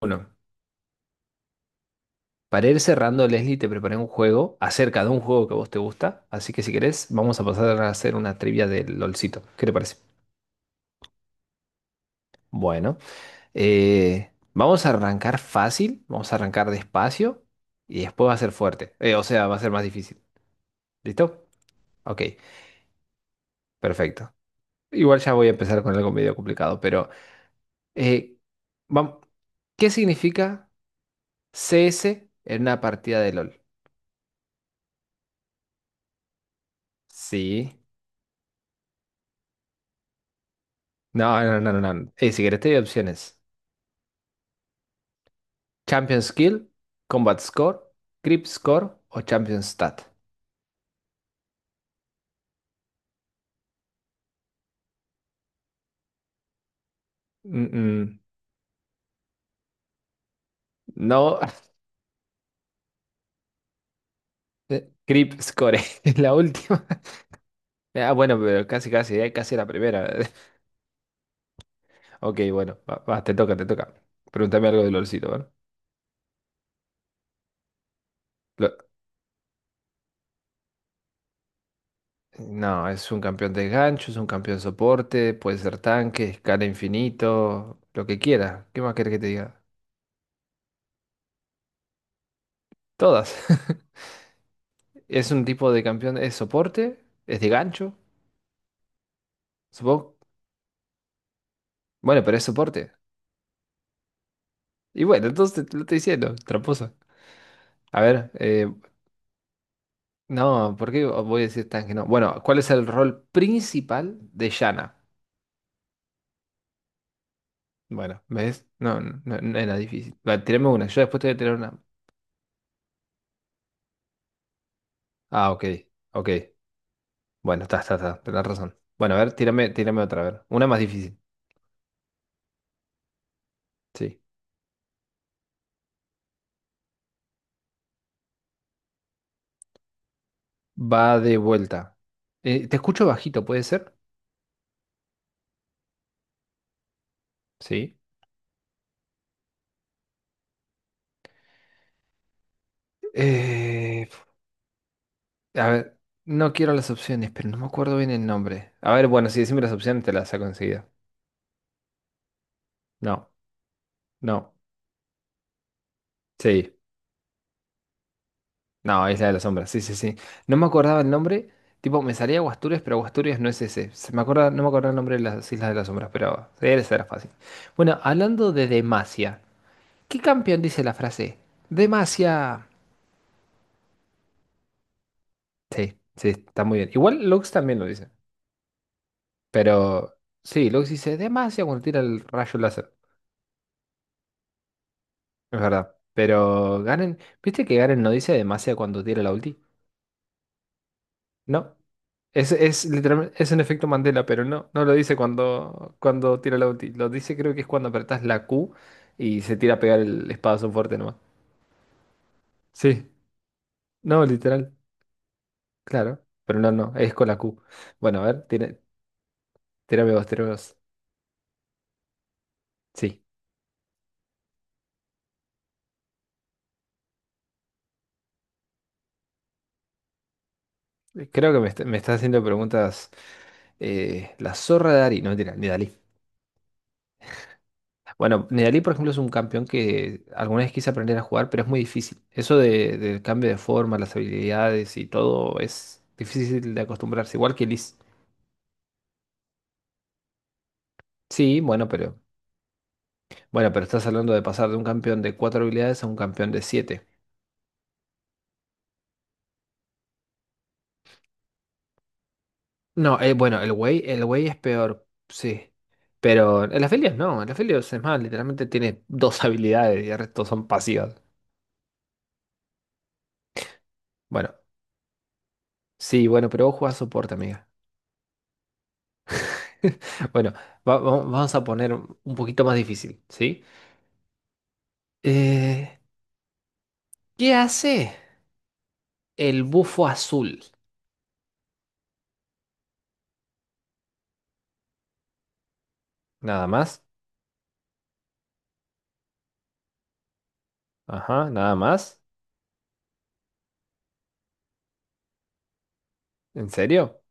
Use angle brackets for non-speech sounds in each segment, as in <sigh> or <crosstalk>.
Bueno, para ir cerrando, Leslie, te preparé un juego acerca de un juego que a vos te gusta, así que si querés, vamos a pasar a hacer una trivia del LOLcito. ¿Qué te parece? Bueno, vamos a arrancar fácil, vamos a arrancar despacio y después va a ser fuerte. O sea, va a ser más difícil. ¿Listo? Ok, perfecto. Igual ya voy a empezar con algo medio complicado, pero eh, vam- ¿qué significa CS en una partida de LOL? Sí. No, no, no, no, no. Si querés, te doy opciones. Champion Skill, Combat Score, Creep Score o Champion Stat. Mm, mm, no. <laughs> Creep Score <laughs> es la última. Ah, bueno, pero casi, casi, casi la primera. <laughs> Ok, bueno, va, va, te toca, te toca. Pregúntame algo de Lolcito, ¿vale? Lo- No, es un campeón de gancho, es un campeón soporte, puede ser tanque, escala infinito, lo que quiera. ¿Qué más querés que te diga? Todas. <laughs> Es un tipo de campeón, es soporte, es de gancho, supongo. Bueno, pero es soporte. Y bueno, entonces te lo estoy diciendo, tramposa. A ver, no, ¿por qué voy a decir tan que no? Bueno, ¿cuál es el rol principal de Yana? Bueno, ¿ves? No, no, no era difícil. Va, tírame una, yo después te voy a tirar una. Ah, ok, ok. Bueno, está, tenés razón. Bueno, a ver, tírame otra, a ver. Una más difícil. Sí. Va de vuelta. Te escucho bajito, ¿puede ser? Sí. Eh, a ver, no quiero las opciones, pero no me acuerdo bien el nombre. A ver, bueno, si decime las opciones, te las saco enseguida. No. No, sí, no, Isla de las Sombras, sí, sí, sí. No me acordaba el nombre, tipo, me salía Guasturias, pero Guasturias no es ese. Se me acuerda, no me acordaba el nombre de las Islas de las Sombras, pero sí, esa era fácil. Bueno, hablando de Demacia, ¿qué campeón dice la frase? Demacia. Sí, sí, está muy bien. Igual Lux también lo dice, pero sí, Lux dice Demacia cuando tira el rayo láser, es verdad. Pero Garen, ¿viste que Garen no dice Demacia cuando tira la ulti? No. Es literalmente, es un efecto Mandela, pero no, no lo dice cuando, cuando tira la ulti. Lo dice creo que es cuando apretás la Q y se tira a pegar el espadazo fuerte nomás. Sí, no, literal, claro. Pero no, no, es con la Q. Bueno, a ver, tírame vos, tírame vos. Sí, creo que me, está- me estás haciendo preguntas. La zorra de Ari, no, mentira, ni Dalí. Bueno, Nedalí, por ejemplo, es un campeón que alguna vez quise aprender a jugar, pero es muy difícil. Del cambio de forma, las habilidades y todo es difícil de acostumbrarse, igual que Liz. Sí, bueno, pero estás hablando de pasar de un campeón de cuatro habilidades a un campeón de siete. No, bueno, el Wei es peor, sí. Pero el Aphelios no, el Aphelios es más, literalmente tiene dos <laughs> habilidades y el resto son pasivas. Bueno, sí, bueno, pero vos jugás soporte, amiga. <laughs> Bueno, vamos a poner un poquito más difícil, ¿sí? Eh, ¿Qué hace el bufo azul? Nada más. Ajá, nada más. ¿En serio?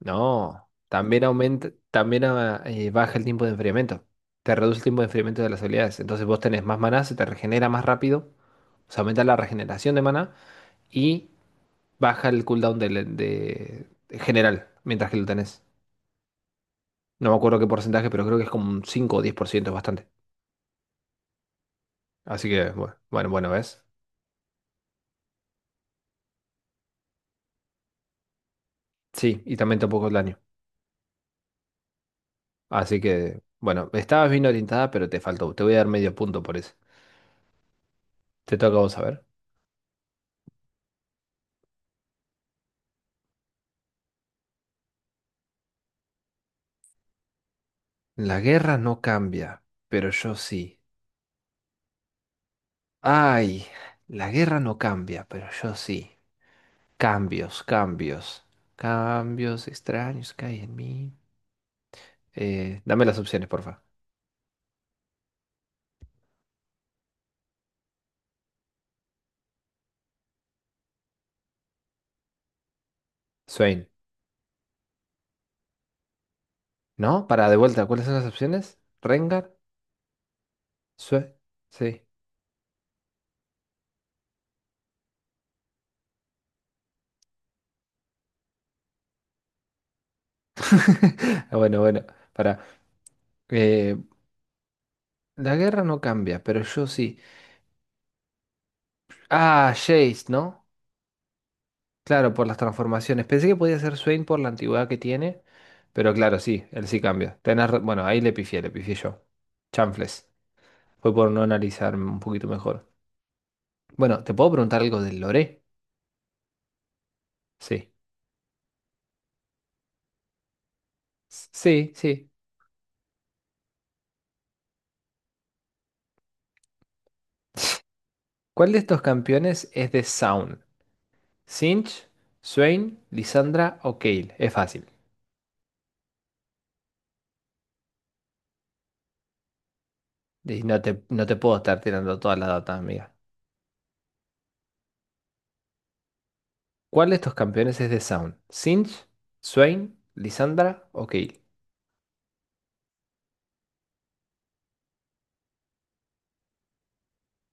No. También aumenta, también baja el tiempo de enfriamiento. Te reduce el tiempo de enfriamiento de las habilidades. Entonces vos tenés más maná, se te regenera más rápido. O sea, aumenta la regeneración de maná y baja el cooldown de general mientras que lo tenés. No me acuerdo qué porcentaje, pero creo que es como un 5 o 10 por ciento, es bastante. Así que, bueno, bueno, bueno, ¿ves? Sí, y también tampoco el daño. Así que, bueno, estabas bien orientada, pero te faltó. Te voy a dar medio punto por eso. Te toca a vos a ver. La guerra no cambia, pero yo sí. Ay, la guerra no cambia, pero yo sí. Cambios, cambios. Cambios extraños que hay en mí. Dame las opciones, porfa. Swain. ¿No? Para de vuelta, ¿cuáles son las opciones? Rengar. Swain. Sí. <laughs> Bueno, para. Eh, la guerra no cambia, pero yo sí. Ah, Jace, ¿no? Claro, por las transformaciones. Pensé que podía ser Swain por la antigüedad que tiene, pero claro, sí, él sí cambia. Bueno, ahí le pifié yo. Chanfles. Fue por no analizarme un poquito mejor. Bueno, ¿te puedo preguntar algo del lore? Sí. Sí, sí. ¿Cuál de estos campeones es de Sound? ¿Sinch, Swain, Lisandra o Kayle? Es fácil. Y no te, no te puedo estar tirando todas las datas, amiga. ¿Cuál de estos campeones es de Sound? ¿Sinch, Swain, Lisandra o Kayle?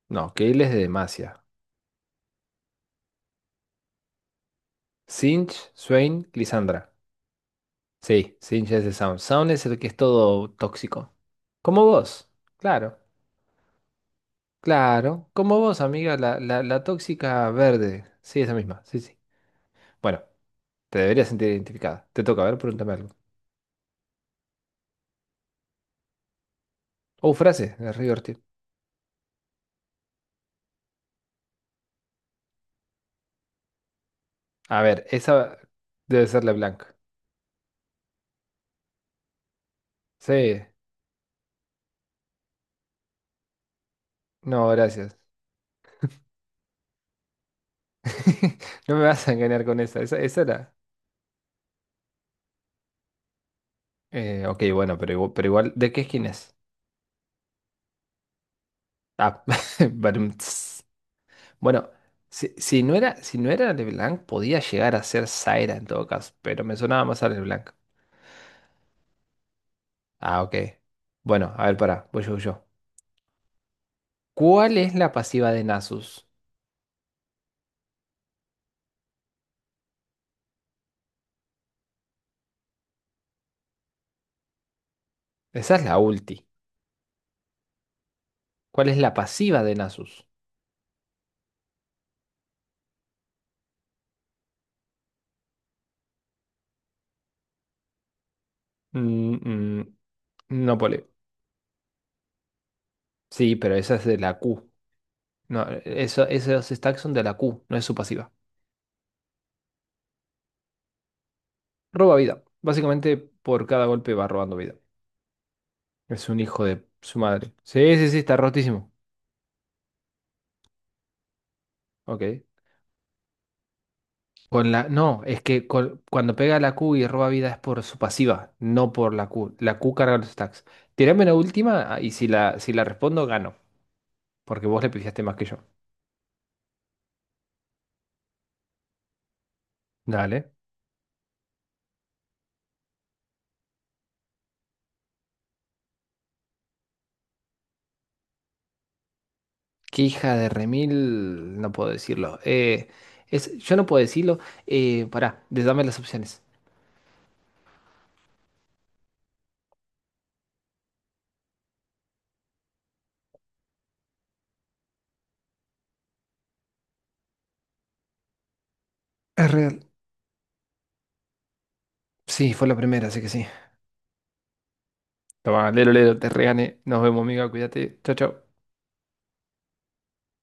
No, Kayle es de Demacia. Sinch, Swain, Lisandra. Sí, Sinch es de Sound. Sound es el que es todo tóxico. Como vos. Claro, claro. Como vos, amiga, la tóxica verde. Sí, esa misma. Sí, sí. Bueno, te deberías sentir identificada. Te toca, a ver, pregúntame algo. Oh, frase, es re divertido. A ver, esa debe ser la blanca. Sí. No, gracias. <laughs> No me vas a engañar con esa. Esa era. Ok, bueno, pero igual, ¿de qué skin es? Ah, <laughs> Barum. Bueno, si, si no era, si no era LeBlanc, podía llegar a ser Zaira en todo caso, pero me sonaba más a LeBlanc. Ah, ok. Bueno, a ver, pará, voy yo, voy yo. ¿Cuál es la pasiva de Nasus? Esa es la ulti. ¿Cuál es la pasiva de Nasus? Mm, mm, no, pole. Sí, pero esa es de la Q. No, eso, esos stacks son de la Q, no es su pasiva. Roba vida. Básicamente, por cada golpe va robando vida. Es un hijo de su madre. Sí, sí, sí, está rotísimo. Ok. Con la, no, es que cuando pega la Q y roba vida es por su pasiva, no por la Q. La Q carga los stacks. Tirame la última ah, y si la, si la respondo, gano. Porque vos le pifiaste más que yo. Dale. Qué hija de remil. No puedo decirlo. Es, yo no puedo decirlo. Pará, dame las opciones. Es real. Sí, fue la primera, así que sí. Toma, lero, lero, te regané. Nos vemos, amiga. Cuídate. Chao, chao.